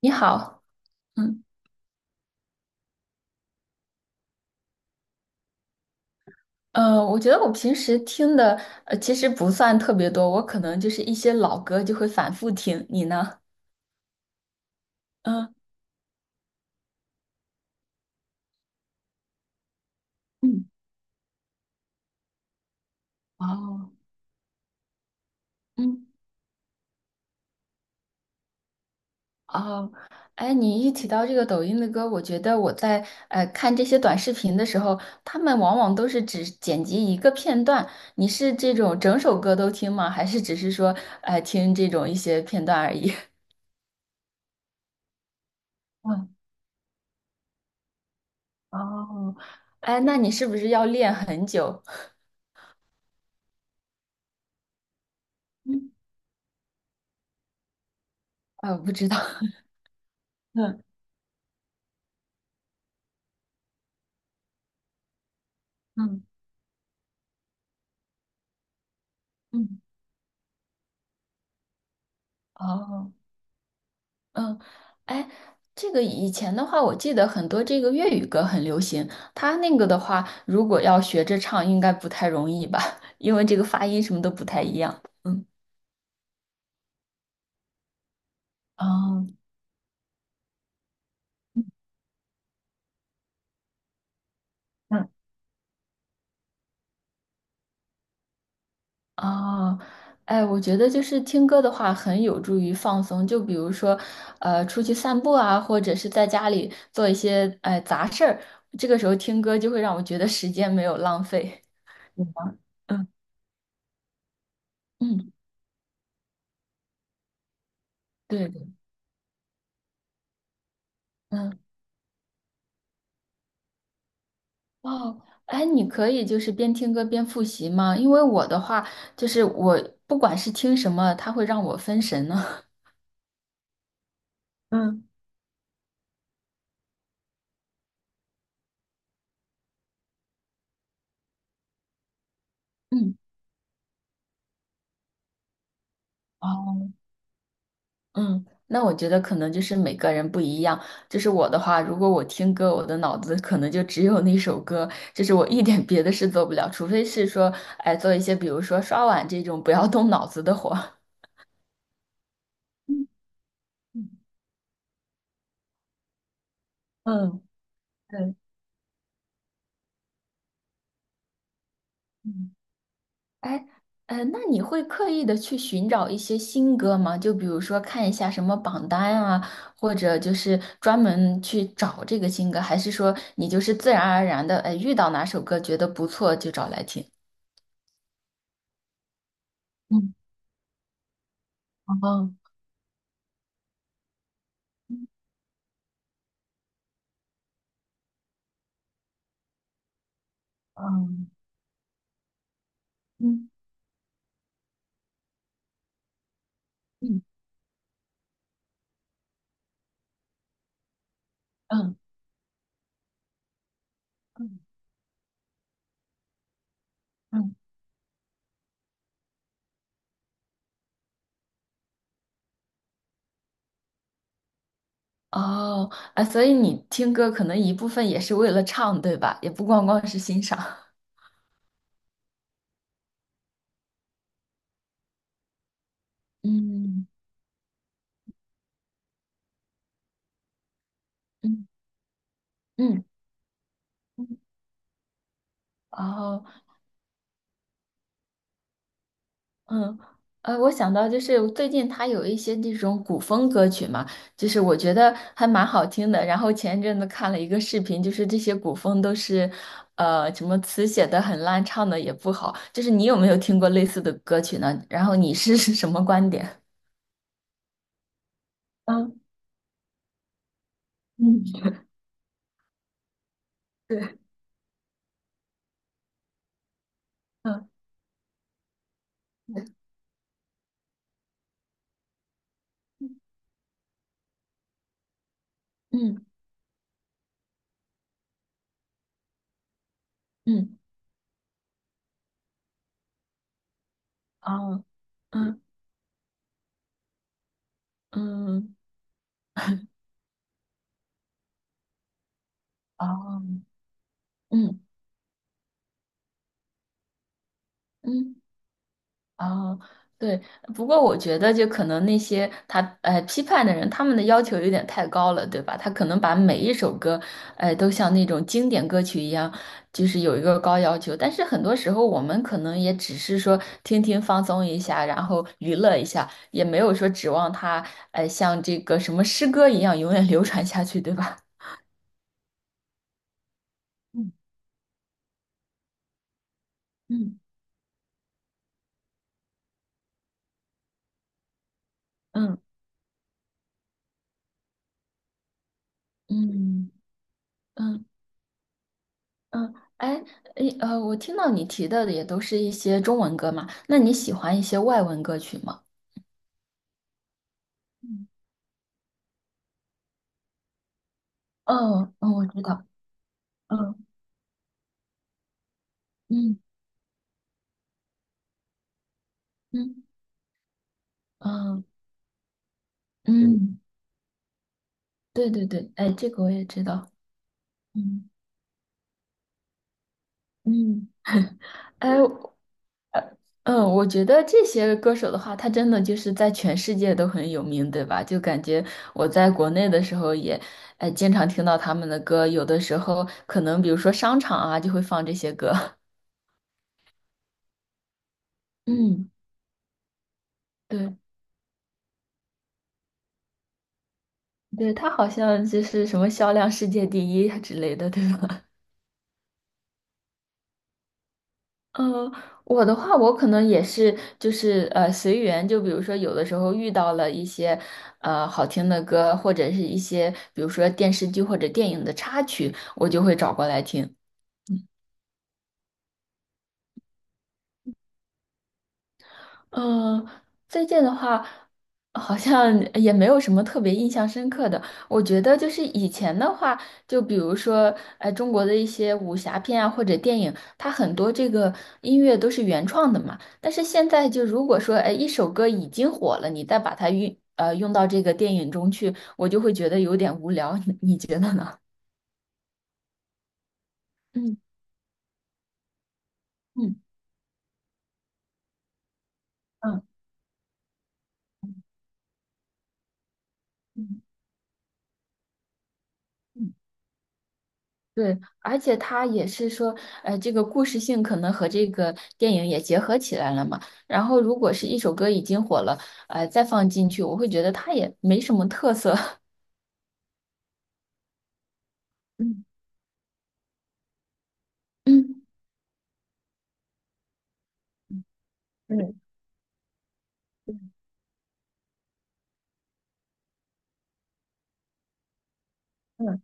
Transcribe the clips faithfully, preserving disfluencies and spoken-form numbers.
你好，嗯，呃，我觉得我平时听的呃其实不算特别多，我可能就是一些老歌就会反复听。你呢？嗯嗯，哦，嗯哦，哎，你一提到这个抖音的歌，我觉得我在呃看这些短视频的时候，他们往往都是只剪辑一个片段。你是这种整首歌都听吗？还是只是说呃听这种一些片段而已？嗯哦，哎，那你是不是要练很久？嗯，呃，不知道。嗯。嗯嗯，哦，嗯，哎，这个以前的话，我记得很多这个粤语歌很流行，它那个的话，如果要学着唱，应该不太容易吧，因为这个发音什么都不太一样。嗯，哦，嗯，哦，哎，我觉得就是听歌的话，很有助于放松。就比如说，呃，出去散步啊，或者是在家里做一些哎杂事儿，这个时候听歌就会让我觉得时间没有浪费。有吗？嗯嗯，对的，嗯。哦，哎，你可以就是边听歌边复习吗？因为我的话，就是我不管是听什么，它会让我分神呢。嗯，嗯，哦，嗯，那我觉得可能就是每个人不一样。就是我的话，如果我听歌，我的脑子可能就只有那首歌，就是我一点别的事做不了，除非是说，哎，做一些比如说刷碗这种不要动脑子的活儿。嗯嗯，对。哎，呃，那你会刻意的去寻找一些新歌吗？就比如说看一下什么榜单啊，或者就是专门去找这个新歌，还是说你就是自然而然的，哎，遇到哪首歌觉得不错就找来听？嗯，哦，嗯嗯嗯嗯嗯嗯，哦，啊，所以你听歌可能一部分也是为了唱，对吧？也不光光是欣赏。嗯嗯嗯嗯哦，嗯，呃，我想到就是最近他有一些这种古风歌曲嘛，就是我觉得还蛮好听的。然后前一阵子看了一个视频，就是这些古风都是，呃，什么词写的很烂，唱的也不好。就是你有没有听过类似的歌曲呢？然后你是 是什么观点？嗯嗯，对，嗯对，嗯嗯，哦，嗯嗯，哦，嗯嗯。哦，对，不过我觉得就可能那些他呃批判的人，他们的要求有点太高了，对吧？他可能把每一首歌，呃，都像那种经典歌曲一样，就是有一个高要求。但是很多时候，我们可能也只是说听听放松一下，然后娱乐一下，也没有说指望它，呃，像这个什么诗歌一样永远 流传下去，对吧？嗯嗯嗯嗯嗯。嗯，哎，诶，呃，我听到你提到的也都是一些中文歌嘛，那你喜欢一些外文歌曲吗？嗯，嗯哦，嗯，我知道，嗯嗯嗯嗯嗯，对对对，哎，这个我也知道，嗯嗯，哎嗯，我觉得这些歌手的话，他真的就是在全世界都很有名，对吧？就感觉我在国内的时候也，哎，经常听到他们的歌，有的时候可能比如说商场啊，就会放这些歌，嗯，对，对，他好像就是什么销量世界第一之类的，对吧？嗯，我的话，我可能也是，就是呃，随缘。就比如说，有的时候遇到了一些呃好听的歌，或者是一些比如说电视剧或者电影的插曲，我就会找过来听。嗯，最近的话，好像也没有什么特别印象深刻的。我觉得就是以前的话，就比如说，呃，中国的一些武侠片啊，或者电影，它很多这个音乐都是原创的嘛。但是现在就如果说，哎，一首歌已经火了，你再把它运呃用到这个电影中去，我就会觉得有点无聊。你你觉得呢？嗯嗯嗯嗯。嗯对，而且他也是说，呃，这个故事性可能和这个电影也结合起来了嘛。然后，如果是一首歌已经火了，呃，再放进去，我会觉得它也没什么特色。嗯嗯嗯嗯嗯，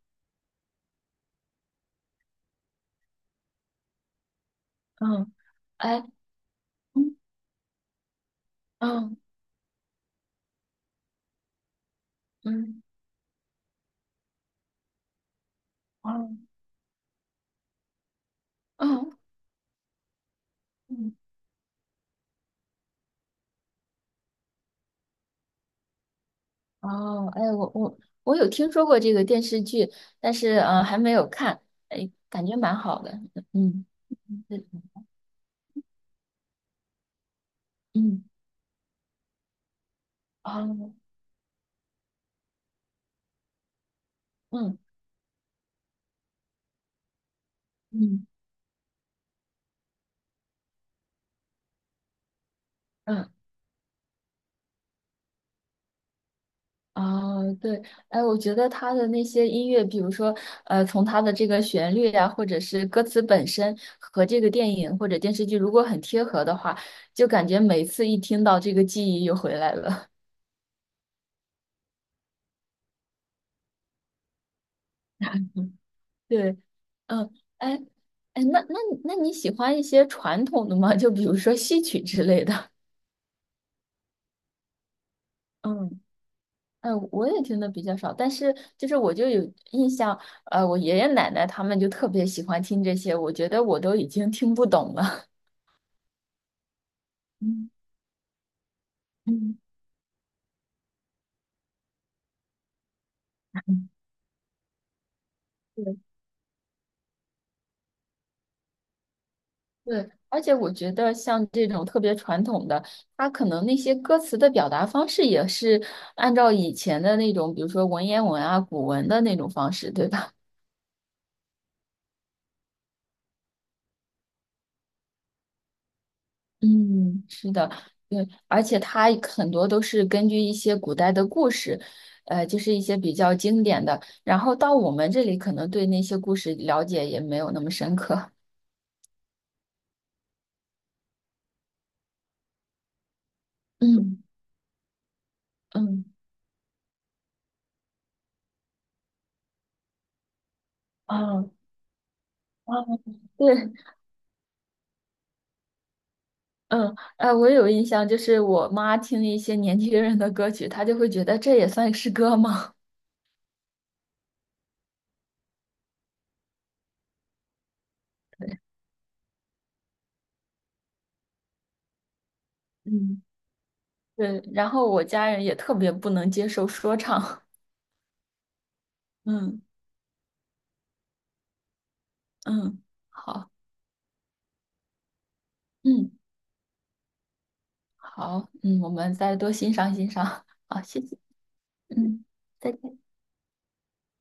嗯哎，嗯嗯嗯哦嗯嗯哦，哎，我我我有听说过这个电视剧，但是呃还没有看，哎，感觉蛮好的。嗯嗯嗯嗯哦嗯嗯嗯。哦，对，哎，我觉得他的那些音乐，比如说，呃，从他的这个旋律呀、或者是歌词本身和这个电影或者电视剧如果很贴合的话，就感觉每次一听到这个记忆又回来了。对，嗯，哎，哎，那那那你喜欢一些传统的吗？就比如说戏曲之类的。嗯，哎，我也听的比较少，但是就是我就有印象，呃，我爷爷奶奶他们就特别喜欢听这些，我觉得我都已经听不懂了。嗯。嗯对对，而且我觉得像这种特别传统的，它可能那些歌词的表达方式也是按照以前的那种，比如说文言文啊、古文的那种方式，对吧？嗯，是的，对，而且它很多都是根据一些古代的故事，呃，就是一些比较经典的，然后到我们这里可能对那些故事了解也没有那么深刻。嗯嗯，哦哦，对嗯，哎，我有印象，就是我妈听一些年轻人的歌曲，她就会觉得这也算是歌吗？对，嗯，对，然后我家人也特别不能接受说唱。嗯嗯，好，嗯好，嗯，我们再多欣赏欣赏。好，谢谢。嗯，再见。